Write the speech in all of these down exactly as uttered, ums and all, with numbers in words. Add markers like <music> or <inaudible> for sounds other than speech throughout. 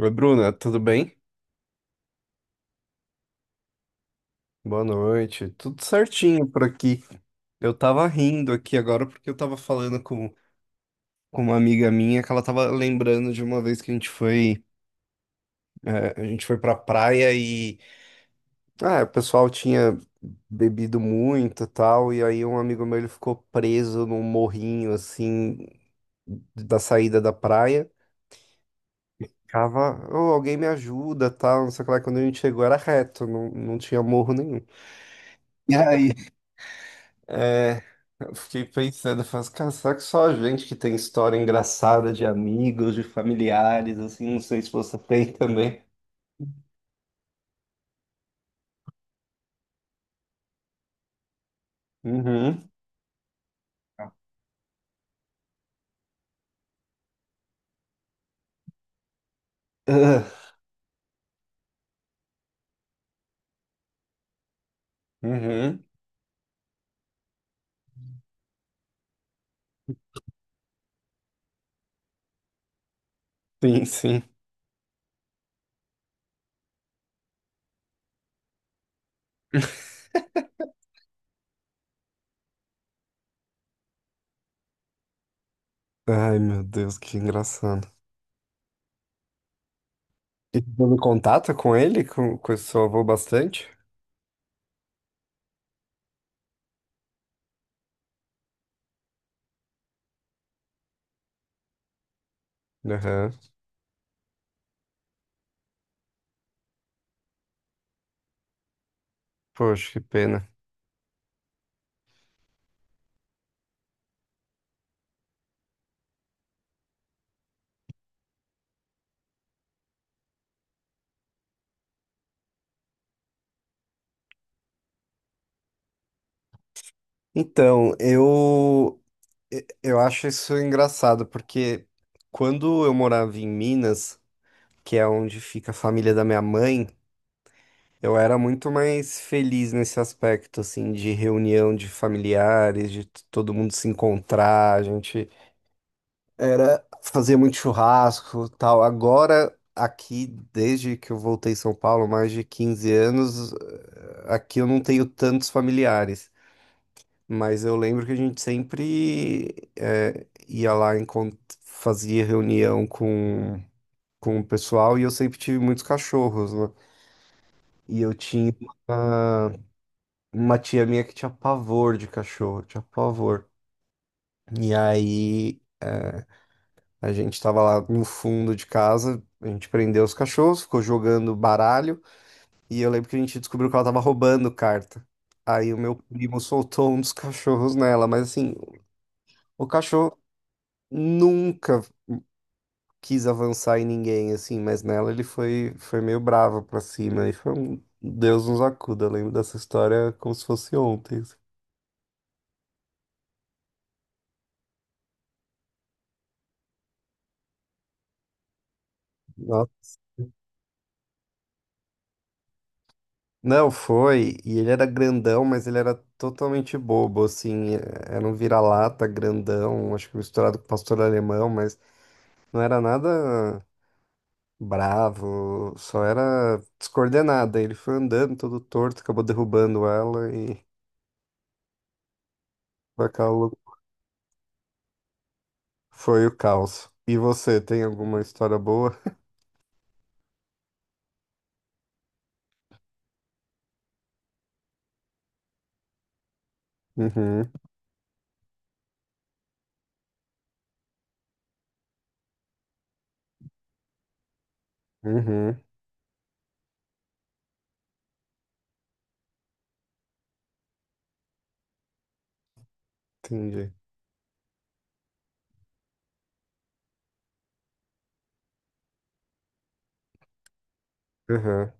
Oi, Bruna, tudo bem? Boa noite. Tudo certinho por aqui. Eu tava rindo aqui agora porque eu tava falando com, com uma amiga minha que ela tava lembrando de uma vez que a gente foi, eh, a gente foi pra praia e ah, o pessoal tinha bebido muito e tal, e aí um amigo meu ele ficou preso num morrinho assim da saída da praia. Ficava, "Ô, alguém me ajuda, tal, não sei o que lá." Quando a gente chegou era reto, não, não tinha morro nenhum. E aí É, eu fiquei pensando, eu faço, cara, será que só a gente que tem história engraçada de amigos, de familiares, assim, não sei se você tem também. Uhum. Ah. Uhum. Sim, sim. Ai, meu Deus, que engraçado. E você teve contato com ele, com, com esse seu avô bastante? Aham. Poxa, que pena. Então, eu, eu acho isso engraçado, porque quando eu morava em Minas, que é onde fica a família da minha mãe, eu era muito mais feliz nesse aspecto, assim, de reunião de familiares, de t- todo mundo se encontrar, a gente era fazia muito churrasco, tal. Agora aqui, desde que eu voltei em São Paulo, mais de quinze anos, eh, aqui eu não tenho tantos familiares, mas eu lembro que a gente sempre eh, ia lá encont- fazia reunião com com o pessoal e eu sempre tive muitos cachorros, né? E eu tinha uma tia minha que tinha pavor de cachorro, tinha pavor. E aí, é, a gente tava lá no fundo de casa, a gente prendeu os cachorros, ficou jogando baralho, e eu lembro que a gente descobriu que ela tava roubando carta. Aí o meu primo soltou um dos cachorros nela, mas assim, o cachorro nunca quis avançar em ninguém, assim, mas nela ele foi, foi meio bravo pra cima, e foi um Deus nos acuda, eu lembro dessa história como se fosse ontem. Assim. Não, foi. E ele era grandão, mas ele era totalmente bobo, assim. É, Era um vira-lata grandão, acho que misturado com pastor alemão, mas não era nada bravo, só era descoordenado. Aí ele foi andando todo torto, acabou derrubando ela e foi aquela lou- foi o caos. E você, tem alguma história boa? <laughs> Uhum, uhum, entendi. Uhum,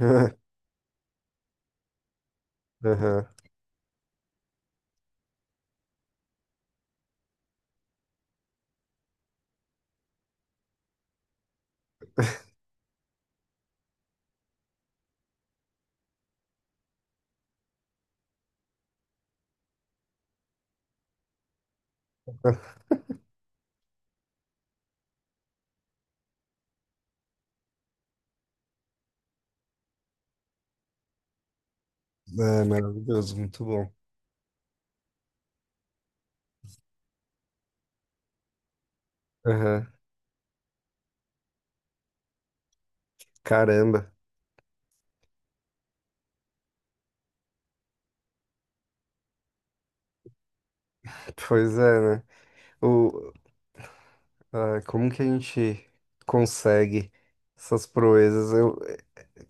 uhum. <laughs> <laughs> É maravilhoso, muito bom. Aham. Caramba, pois é, né? O, ah, como que a gente consegue essas proezas? Eu, eh,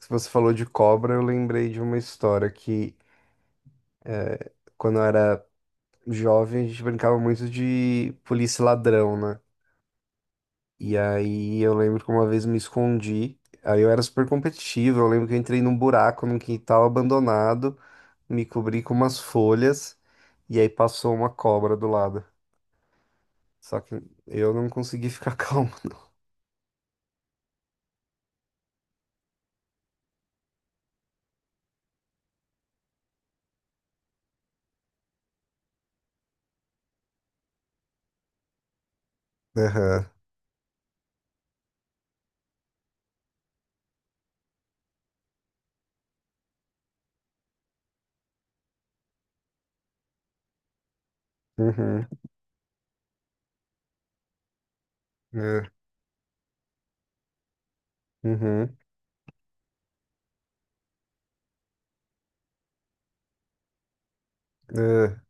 se você falou de cobra, eu lembrei de uma história que, quando eu era jovem, a gente brincava muito de polícia e ladrão, né? E aí eu lembro que uma vez me escondi, aí eu era super competitivo, eu lembro que eu entrei num buraco num quintal abandonado, me cobri com umas folhas, e aí passou uma cobra do lado. Só que eu não consegui ficar <laughs> calmo. Aham. Uhum. É. Uhum. É,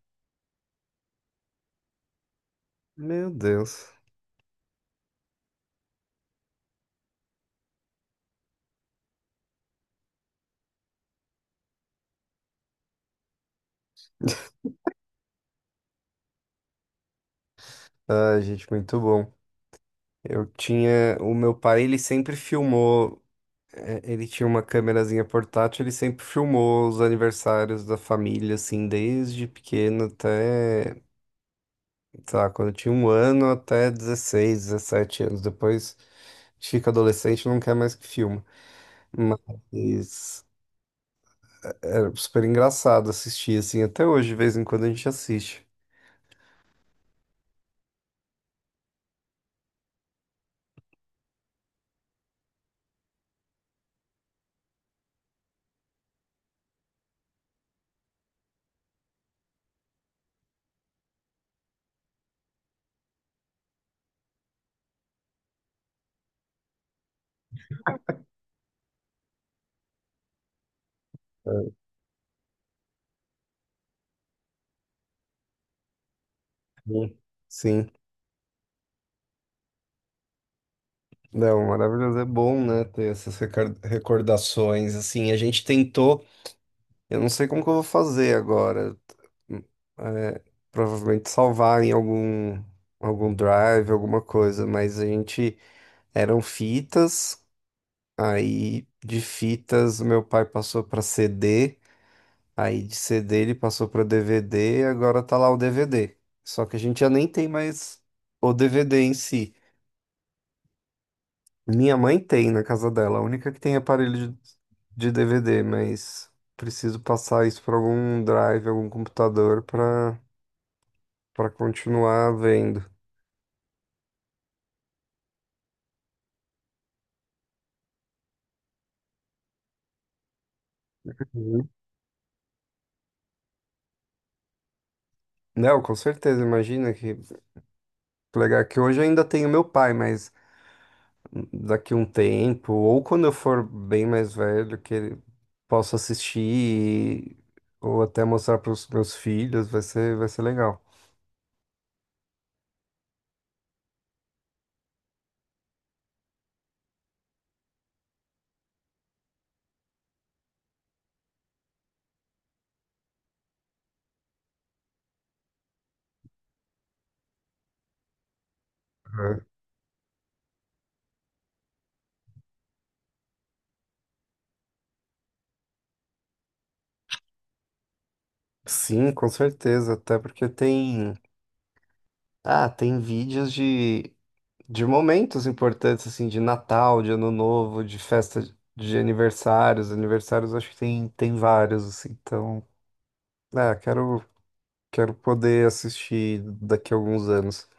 meu Deus. Ai, gente, muito bom. Eu tinha. O meu pai, ele sempre filmou. é, Ele tinha uma câmerazinha portátil, ele sempre filmou os aniversários da família, assim, desde pequeno até, sei lá, quando eu tinha um ano até dezesseis dezessete anos. Depois a gente fica adolescente e não quer mais que filma. Mas era super engraçado assistir, assim, até hoje, de vez em quando a gente assiste. É. Sim. Sim. Não, maravilhoso. É bom, né, ter essas recar- recordações, assim, a gente tentou, eu não sei como que eu vou fazer agora, hum, é, provavelmente salvar em algum, algum drive, alguma coisa, mas a gente, eram fitas, aí de fitas meu pai passou para C D, aí de C D ele passou para DVD, agora tá lá o D V D, só que a gente já nem tem mais o D V D em si. Minha mãe tem na casa dela, a única que tem aparelho de, de, D V D, mas preciso passar isso para algum drive, algum computador para para continuar vendo. Uhum. Não, com certeza, imagina que legal. É que hoje eu ainda tenho meu pai, mas daqui um tempo, ou quando eu for bem mais velho, que ele posso assistir e- ou até mostrar para os meus filhos, vai ser, vai ser legal. É. Sim, com certeza, até porque tem, ah, tem vídeos de de momentos importantes, assim, de Natal, de Ano Novo, de festa de aniversários. Aniversários acho que tem, tem vários, assim. Então, é, quero, quero poder assistir daqui a alguns anos.